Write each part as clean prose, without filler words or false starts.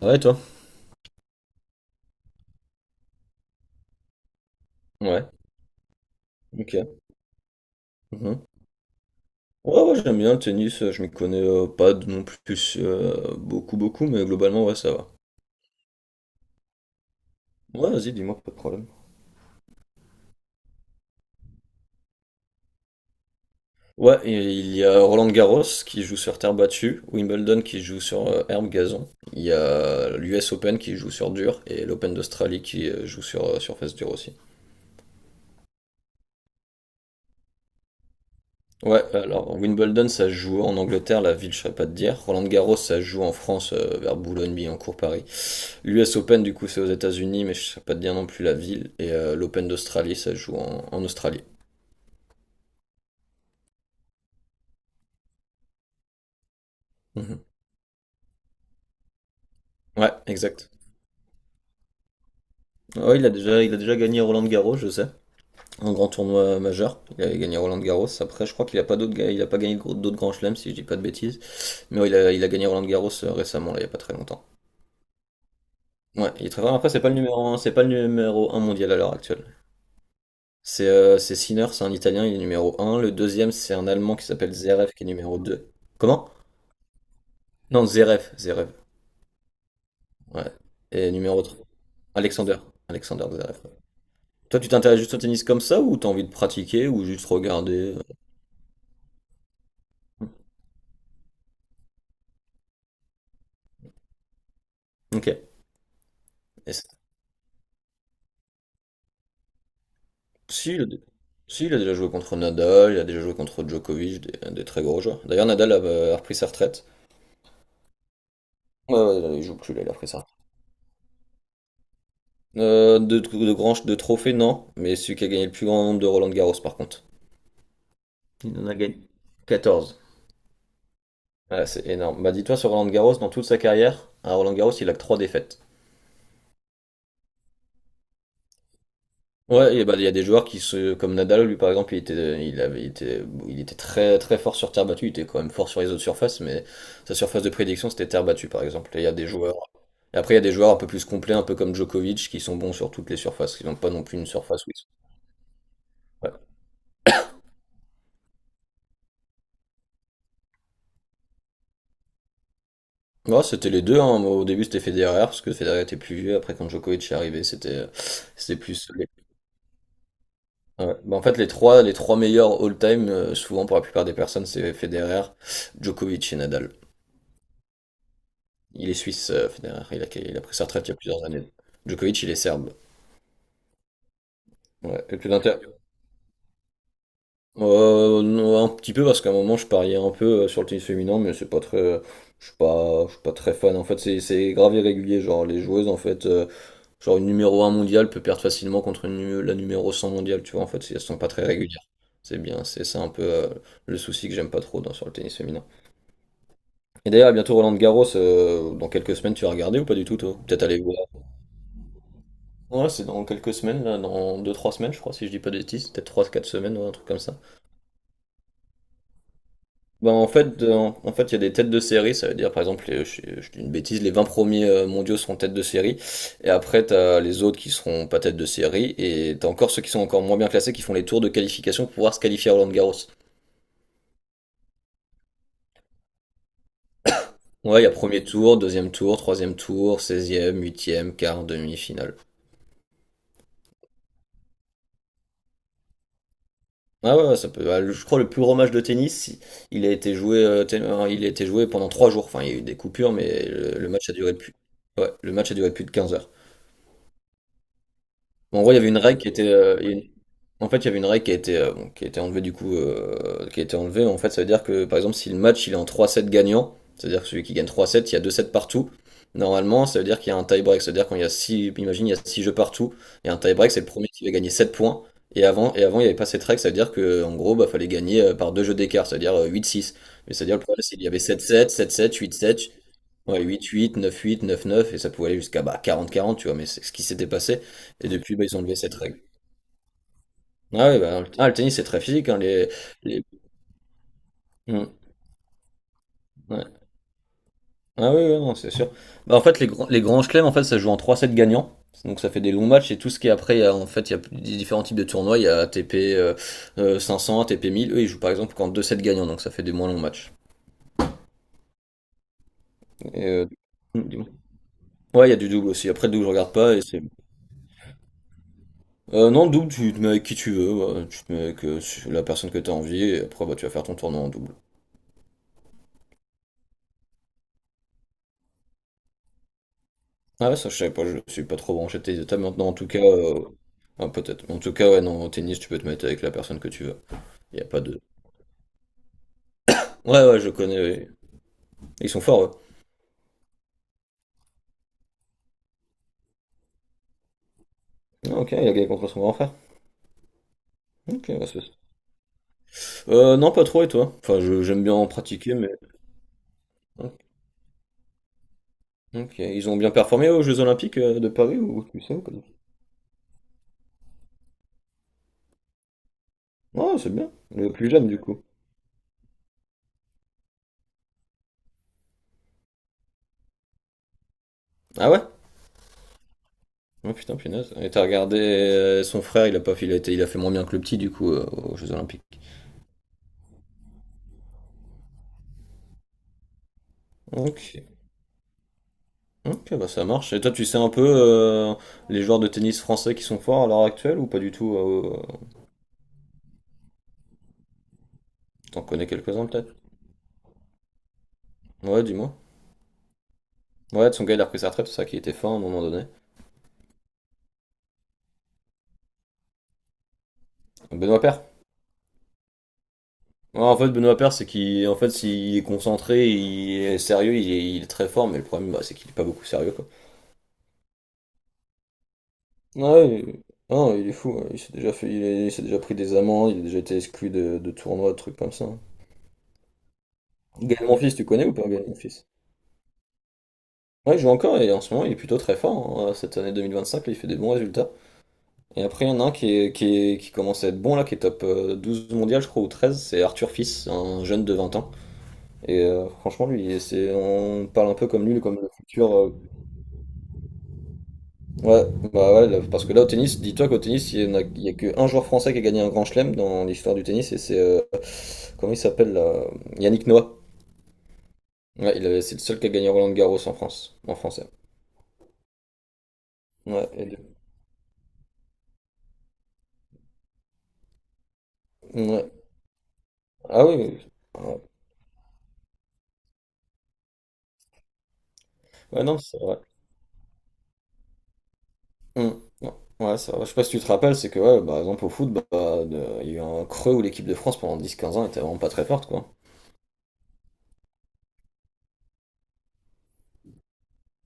Ouais, toi? Ouais, ok. Mhm. Ouais, ouais, j'aime bien le tennis, je m'y connais pas de- non plus beaucoup, beaucoup, mais globalement, ouais, ça va. Ouais, vas-y, dis-moi, pas de problème. Ouais, et il y a Roland Garros qui joue sur terre battue, Wimbledon qui joue sur herbe gazon, il y a l'US Open qui joue sur dur, et l'Open d'Australie qui joue sur, surface dure aussi. Ouais, alors Wimbledon, ça se joue en Angleterre, la ville, je ne pas te dire. Roland Garros, ça se joue en France, vers Boulogne, Billancourt, Paris. L'US Open, du coup, c'est aux États-Unis, mais je ne sais pas te dire non plus la ville. Et l'Open d'Australie, ça se joue en Australie. Mhm. Ouais, exact. Ouais, il a déjà gagné Roland Garros, je sais. Un grand tournoi majeur. Il a gagné Roland Garros. Après, je crois qu'il a pas il a pas gagné d'autres grands chelems, si je dis pas de bêtises. Mais ouais, il a gagné Roland Garros récemment, là, il y a pas très longtemps. Ouais, il est très fort. Après, c'est pas le numéro un, c'est pas le numéro un mondial à l'heure actuelle. C'est Sinner, c'est un Italien, il est numéro un. Le deuxième, c'est un Allemand qui s'appelle Zverev, qui est numéro 2. Comment? Non, Zverev, Zverev. Ouais. Et numéro 3, Alexander. Alexander Zverev. Toi, tu t'intéresses juste au tennis comme ça, ou t'as envie de pratiquer, ou juste regarder? Ok. C'est- Si, il a, si, il a déjà joué contre Nadal, il a déjà joué contre Djokovic, des très gros joueurs. D'ailleurs, Nadal a repris sa retraite. Ouais, ouais, il joue plus, là, il a pris sa retraite. De trophées, non. Mais celui qui a gagné le plus grand nombre de Roland Garros, par contre. Il en a gagné 14. Ouais, c'est énorme. Bah, dis-toi, sur Roland Garros, dans toute sa carrière, à Roland Garros, il a que 3 défaites. Ouais, et bah, il y a des joueurs qui se. Comme Nadal, lui, par exemple, il était, il avait, été, il était très, très fort sur terre battue. Il était quand même fort sur les autres surfaces, mais sa surface de prédiction, c'était terre battue, par exemple. Et il y a des joueurs. Et après, il y a des joueurs un peu plus complets, un peu comme Djokovic, qui sont bons sur toutes les surfaces, qui n'ont pas non plus une surface où ouais. Ouais, c'était les deux, hein. Au début, c'était Federer, parce que Federer était plus vieux. Après, quand Djokovic est arrivé, c'était plus ouais. Bah, en fait, les trois meilleurs all-time, souvent pour la plupart des personnes, c'est Federer, Djokovic et Nadal. Il est suisse, Federer. Il a pris sa retraite il y a plusieurs années. Djokovic, il est serbe. Ouais. Et puis l'inter. Non, un petit peu parce qu'à un moment, je pariais un peu sur le tennis féminin, mais c'est pas très. Je suis pas très fan. En fait, c'est grave irrégulier. Genre, les joueuses, en fait, genre une numéro un mondiale peut perdre facilement contre la numéro 100 mondiale. Tu vois, en fait, si elles sont pas très régulières. C'est bien. C'est ça un peu le souci que j'aime pas trop sur le tennis féminin. Et d'ailleurs, à bientôt Roland Garros, dans quelques semaines, tu vas regarder ou pas du tout, toi? Peut-être aller voir. Ouais, c'est dans quelques semaines, là, dans deux-trois semaines, je crois, si je dis pas de bêtises, peut-être trois-quatre semaines, ouais, un truc comme ça. Ben, en fait, il y a des têtes de série, ça veut dire, par exemple, je dis une bêtise, les 20 premiers mondiaux seront têtes de série, et après, t'as les autres qui seront pas têtes de série, et t'as encore ceux qui sont encore moins bien classés qui font les tours de qualification pour pouvoir se qualifier à Roland Garros. Ouais, il y a premier tour, deuxième tour, troisième tour, seizième, huitième, quart, demi-finale. Ah ouais, ouais, ça peut. Je crois le plus gros match de tennis, il a été joué, il a été joué pendant 3 jours. Enfin, il y a eu des coupures, mais le match a duré plus. Ouais, le match a duré plus de 15 heures. Bon, en gros, il y avait une règle qui était. Il y a une- en fait, il y avait une règle qui a été, bon, qui a été enlevée du coup. Qui a été enlevée. En fait, ça veut dire que par exemple, si le match il est en trois 7 gagnant, c'est-à-dire que celui qui gagne trois 7 il y a deux 7 partout. Normalement, ça veut dire qu'il y a un tie-break. C'est-à-dire quand il y a 6 imagine, il y a 6 jeux partout, il y a un tie-break, c'est le premier qui va gagner 7 points. Et avant, il n'y avait pas cette règle, ça veut dire que en gros, bah, fallait gagner par deux jeux d'écart, c'est-à-dire 8-6. Mais c'est-à-dire le problème, c'est qu'il y avait sept sept sept sept huit sept ouais, huit huit neuf huit neuf neuf et ça pouvait aller jusqu'à bah, quarante quarante tu vois, mais c'est ce qui s'était passé. Et depuis, bah, ils ont enlevé cette règle. Ah oui, bah, ah, le tennis, c'est très physique, hein, les- hmm, ouais. Ah oui, ouais, non, c'est sûr. Bah, en fait, les grands chelems, en fait, ça se joue en 3 sets gagnants. Donc ça fait des longs matchs et tout ce qui est après, il y a, en fait, il y a des différents types de tournois. Il y a ATP 500, A T P 1000. Eux, ils jouent par exemple qu'en 2 sets gagnants, donc ça fait des moins longs matchs. Et, euh, Dis-moi. Ouais, il y a du double aussi. Après, le double, je regarde pas. Et c'est... Non, le double, tu te mets avec qui tu veux, ouais. Tu te mets avec la personne que tu as envie. Et après, bah, tu vas faire ton tournoi en double. Ah ouais, ça je savais pas, je suis pas trop branché tennis de table maintenant en tout cas. Peut-être. En tout cas, ouais, non, au tennis, tu peux te mettre avec la personne que tu veux. Il a pas de. Ouais, ouais, je connais, ouais. Ils sont forts, eux. Ah, ok, il a gagné contre son grand frère. Ok, ouais, non, pas trop, et toi? Enfin, j'aime bien en pratiquer, mais. Oh, ok, ils ont bien performé aux Jeux Olympiques de Paris ou tu sais ou pas du tout. Ouais, c'est bien. Le plus jeune, du coup. Ah ouais? Oh putain, punaise. Et t'as regardé son frère, il a pas fait, il a été- il a fait moins bien que le petit, du coup, aux Jeux Olympiques. Ok. Ok, bah ça marche. Et toi, tu sais un peu les joueurs de tennis français qui sont forts à l'heure actuelle ou pas du tout T'en connais quelques-uns peut-être? Ouais, dis-moi. Ouais, son gars, il a repris sa retraite, c'est ça qui était fort à un moment donné. Benoît Paire. Ouais, en fait, Benoît Paire, c'est qu'il, en fait, s'il est concentré, il est sérieux, il est très fort, mais le problème, bah, c'est qu'il est pas beaucoup sérieux, quoi. Ouais, il... non, il est fou, ouais. Il s'est déjà fait, il s'est déjà pris des amendes, il a déjà été exclu de tournois, de trucs comme ça. Gaël Monfils, tu connais ou pas Gaël Monfils? Ouais, il joue encore et en ce moment il est plutôt très fort, hein. Cette année 2025, là, il fait des bons résultats. Et après, il y en a un qui commence à être bon, là, qui est top 12 mondial, je crois, ou 13, c'est Arthur Fils, un jeune de 20 ans. Et franchement, lui, c'est, on parle un peu comme lui, comme le futur. Ouais, bah ouais, là, parce que là, au tennis, dis-toi qu'au tennis, il y a qu'un joueur français qui a gagné un grand chelem dans l'histoire du tennis, et c'est comment il s'appelle là? Yannick Noah. Ouais, c'est le seul qui a gagné Roland Garros en France, en français. Ouais, ouais. Ah oui, oui. Ouais, ouais, non, c'est vrai. Mm. Ouais, ouais, ça va. Je sais pas si tu te rappelles, c'est que, ouais, par exemple, au foot, bah, il y a eu un creux où l'équipe de France pendant 10 15 ans était vraiment pas très forte, quoi.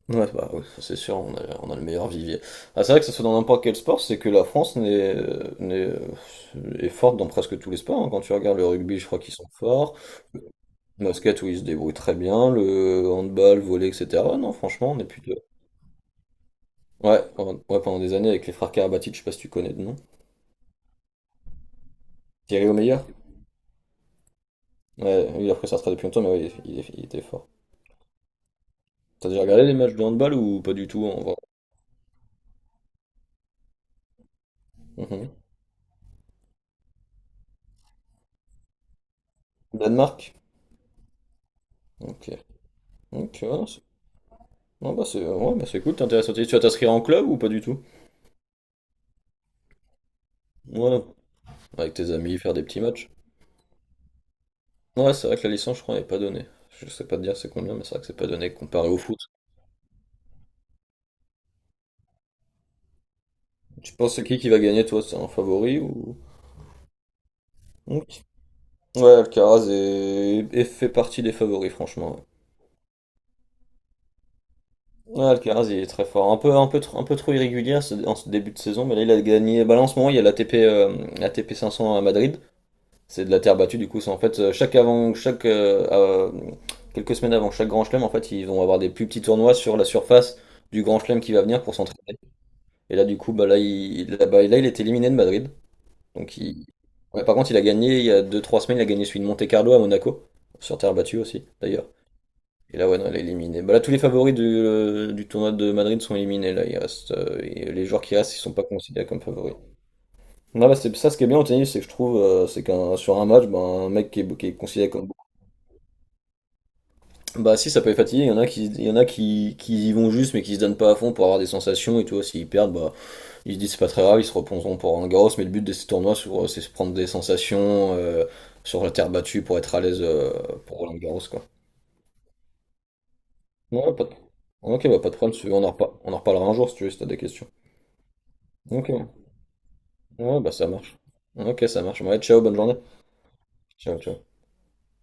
Ouais, bah, ouais, ça, c'est sûr, on a le meilleur vivier. Ah, c'est vrai que ça soit dans n'importe quel sport, c'est que la France n'est- est forte dans presque tous les sports, hein. Quand tu regardes le rugby, je crois qu'ils sont forts. Le basket, où ils se débrouillent très bien. Le handball, le volley, etc. Ouais, non, franchement, on est plutôt. Ouais, ouais, pendant des années, avec les frères Karabatic, je sais pas si tu connais de nom. Thierry Omeyer? Ouais, lui, il a pris sa retraite depuis longtemps, mais ouais, il était fort. T'as déjà regardé les matchs de handball ou pas du tout en vrai? Mhm. Danemark? Ok. Ok, ouais, non, c'est ouais, bah, c'est ouais, bah, c'est cool, t'es intéressé. Tu vas t'inscrire en club ou pas du tout? Ouais, avec tes amis, faire des petits matchs. Ouais, c'est vrai que la licence, je crois, n'est pas donnée. Je sais pas te dire c'est combien, mais c'est vrai que c'est pas donné comparé au foot. Tu penses c'est qui va gagner, toi? C'est un favori ou... Ok. Ouais, Alcaraz est fait partie des favoris, franchement. Ouais, ouais, Alcaraz, il est très fort. Un peu trop irrégulier en ce début de saison, mais là, il a gagné. Bah, là, en ce moment, il y a la l'ATP euh, l'ATP 500 à Madrid. C'est de la terre battue, du coup. C'est en fait, chaque, quelques semaines avant chaque grand chelem, en fait, ils vont avoir des plus petits tournois sur la surface du grand chelem qui va venir pour s'entraîner. Et là, du coup, bah, là, il, là, bah, là, il est éliminé de Madrid. Donc, il... ouais, par contre, il a gagné, il y a deux trois semaines, il a gagné celui de Monte Carlo à Monaco, sur terre battue aussi, d'ailleurs. Et là, ouais, non, il est éliminé. Bah, là, tous les favoris du tournoi de Madrid sont éliminés. Là, il reste, et les joueurs qui restent, ils sont pas considérés comme favoris. Non, bah, c'est ça, ce qui est bien au tennis, c'est que je trouve, c'est qu'un sur un match, ben un mec qui est considéré comme... Bah si ça peut être fatigué, il y en a qui y vont juste mais qui se donnent pas à fond pour avoir des sensations et tout, s'ils perdent, bah ils se disent c'est pas très grave, ils se reposeront pour un Garros, mais le but de ces c'est se prendre des sensations sur la terre battue pour être à l'aise pour Roland Garros quoi. Ouais, pas de... Ok, bah pas de problème, si tu veux, on en reparlera un jour si tu veux, si t'as des questions. Ok, ouais, bah ça marche. Ok, ça marche, ouais, ciao, bonne journée. Ciao ciao.